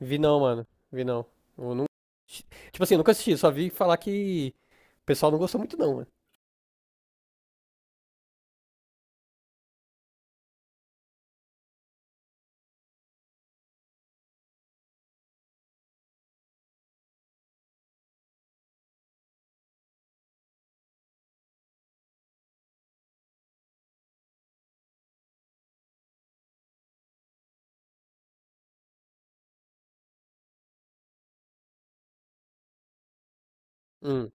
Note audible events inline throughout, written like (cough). Vi não, mano. Vi não. Eu não... Tipo assim, eu nunca assisti, só vi falar que o pessoal não gostou muito não, mano. Hum,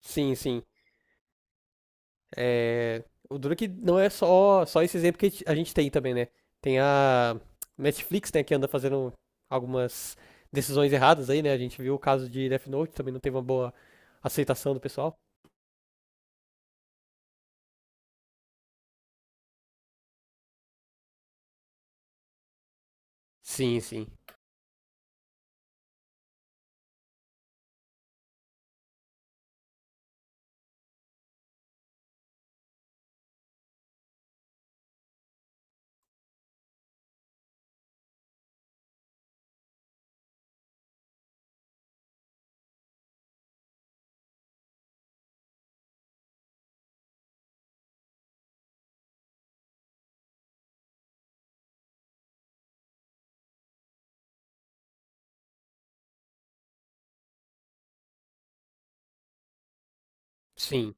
sim, sim. É... O duro é que não é só esse exemplo que a gente tem também, né? Tem a Netflix, né, que anda fazendo algumas decisões erradas aí, né? A gente viu o caso de Death Note, também não teve uma boa aceitação do pessoal. Sim, sim. Sim,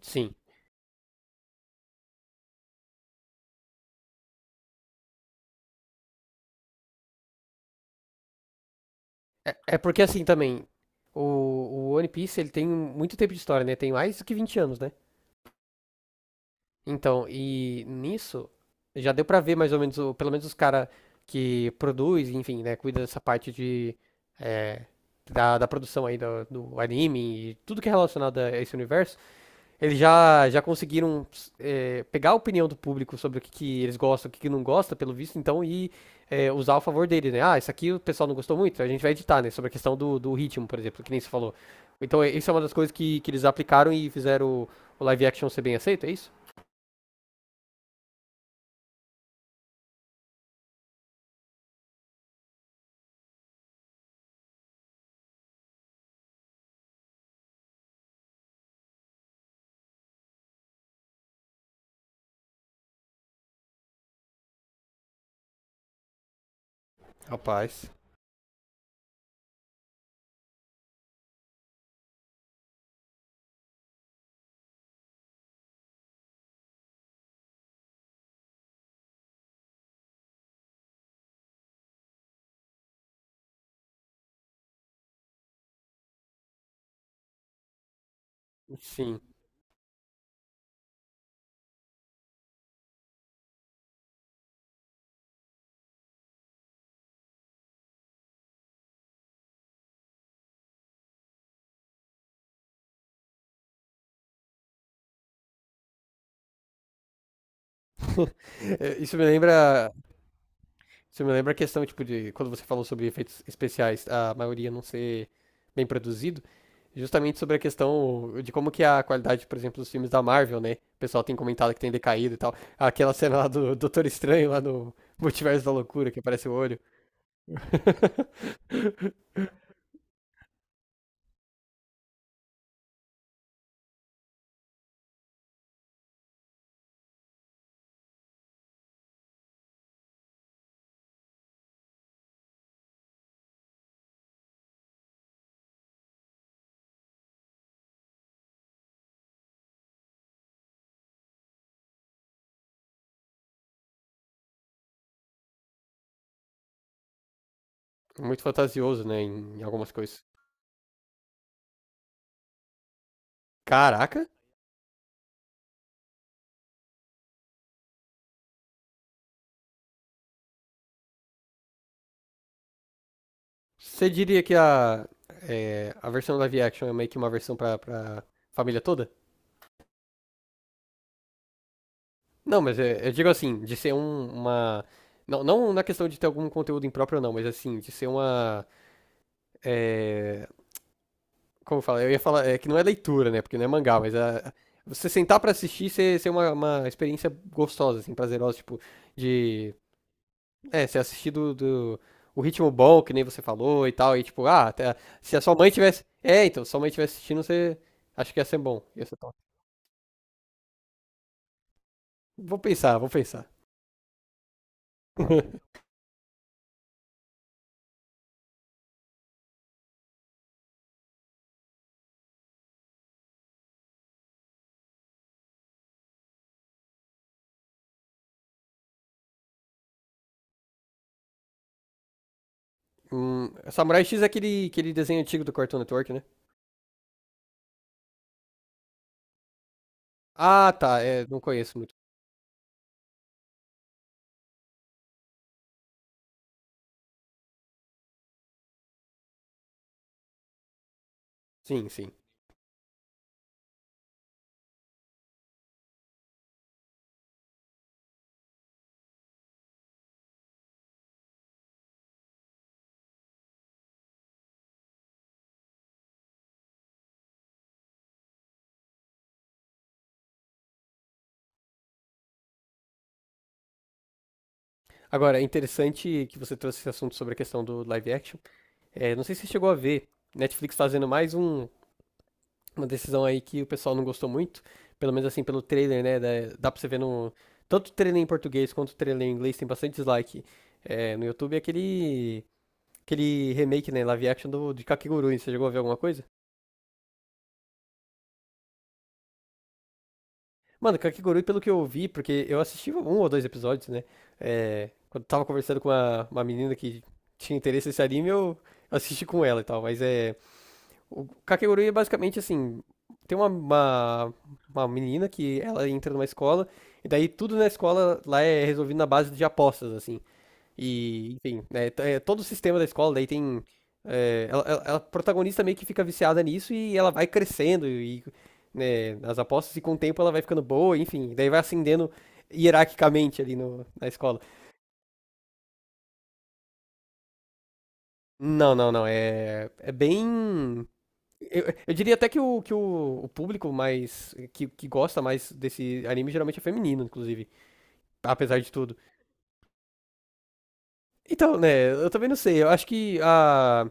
sim. É, é porque assim também, o, o One Piece ele tem muito tempo de história, né? Tem mais do que 20 anos, né? Então, e nisso já deu pra ver mais ou menos, o- pelo menos os cara que produz, enfim, né, cuida dessa parte de é, da produção aí do anime e tudo que é relacionado a esse universo, eles já conseguiram pegar a opinião do público sobre o que eles gostam, o que não gosta, pelo visto, então e usar ao favor dele, né? Ah, isso aqui o pessoal não gostou muito, a gente vai editar, né? Sobre a questão do ritmo, por exemplo, que nem você falou. Então, é- isso é uma das coisas que eles aplicaram e fizeram o live action ser bem aceito, é isso? Rapaz. Sim. (laughs) Isso me lembra, isso me lembra a questão, tipo, de quando você falou sobre efeitos especiais, a maioria não ser bem produzido, justamente sobre a questão de como que a qualidade, por exemplo, dos filmes da Marvel, né? O pessoal tem comentado que tem decaído e tal. Aquela cena lá do Doutor Estranho, lá no Multiverso da Loucura, que aparece o olho. (laughs) Muito fantasioso, né, em algumas coisas. Caraca! Você diria que a, a versão live action é meio que uma versão pra família toda? Não, mas é, eu digo assim, de ser um- uma. Não, não na questão de ter algum conteúdo impróprio, não, mas assim, de ser uma. é, Como fala? Eu ia falar, é que não é leitura, né? Porque não é mangá, mas a- você sentar pra assistir ser uma experiência gostosa, assim, prazerosa, tipo, de. É, você assistir do, do- o ritmo bom, que nem você falou e tal, e tipo, ah, até- se a sua mãe tivesse. É, então, se sua mãe tivesse assistindo, você. Acho que ia ser bom. Ia ser top. Vou pensar, vou pensar. (laughs) Samurai X é aquele, aquele desenho antigo do Cartoon Network, né? Ah, tá, é, não conheço muito. Sim, sim. Agora, é interessante que você trouxe esse assunto sobre a questão do live action. É, não sei se você chegou a ver. Netflix fazendo mais um, uma decisão aí que o pessoal não gostou muito, pelo menos assim pelo trailer, né? Da, dá pra você ver no. Tanto o trailer em português quanto o trailer em inglês tem bastante dislike no YouTube. É aquele, aquele remake, né? Live action do, de Kakegurui. Você chegou a ver alguma coisa? Mano, Kakegurui, pelo que eu vi, porque eu assisti um ou dois episódios, né? É, quando eu tava conversando com uma menina que tinha interesse nesse anime, eu assisti com ela e tal. Mas é. O Kakegurui é basicamente assim, tem uma menina que ela entra numa escola, e daí tudo na escola lá é resolvido na base de apostas, assim. E, enfim, né, t- é todo o sistema da escola, daí tem. Ela, ela- ela- a protagonista meio que fica viciada nisso e ela vai crescendo e né, nas apostas, e com o tempo ela vai ficando boa, enfim, daí vai ascendendo hierarquicamente ali no, na escola. Não, não, não. É, é bem. Eu diria até o público mais. Que gosta mais desse anime geralmente é feminino, inclusive. Apesar de tudo. Então, né, eu também não sei. Eu acho que a,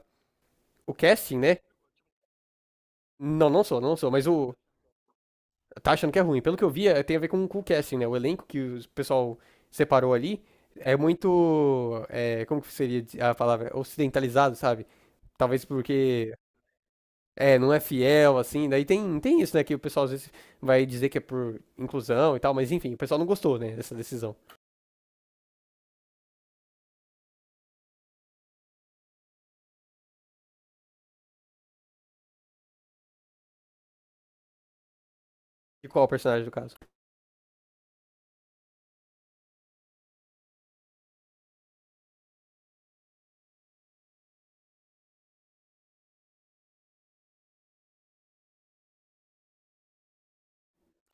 o casting, né? Não, não sou, mas o. Tá achando que é ruim. Pelo que eu vi, é- tem a ver com o casting, né? O elenco que o pessoal separou ali é muito. É, como que seria a palavra? Ocidentalizado, sabe? Talvez porque É, não é fiel, assim. Daí tem, tem isso, né? Que o pessoal às vezes vai dizer que é por inclusão e tal, mas enfim, o pessoal não gostou, né, dessa decisão. De qual personagem do caso?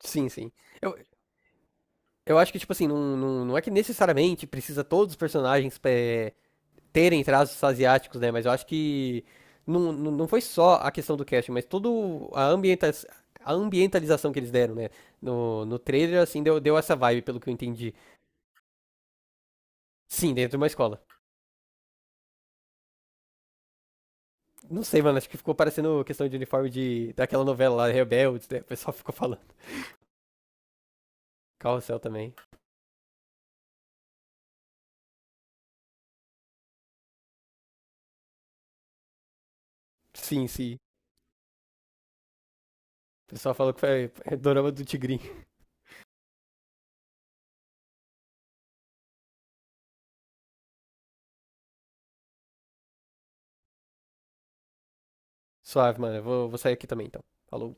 Sim, sim. Eu, eu acho que, tipo assim, não, não, não é que necessariamente precisa todos os personagens terem traços asiáticos, né? Mas eu acho que não, não foi só a questão do casting, mas toda a, ambienta, a ambientalização que eles deram, né? No, no trailer, assim, deu, deu essa vibe, pelo que eu entendi. Sim, dentro de uma escola. Não sei, mano, acho que ficou parecendo questão de uniforme de daquela novela lá, Rebeldes, né? O pessoal ficou falando. Carrossel também. Sim, sim. O pessoal falou que foi dorama do Tigrinho. Suave, mano. Eu vou, vou sair aqui também, então. Falou.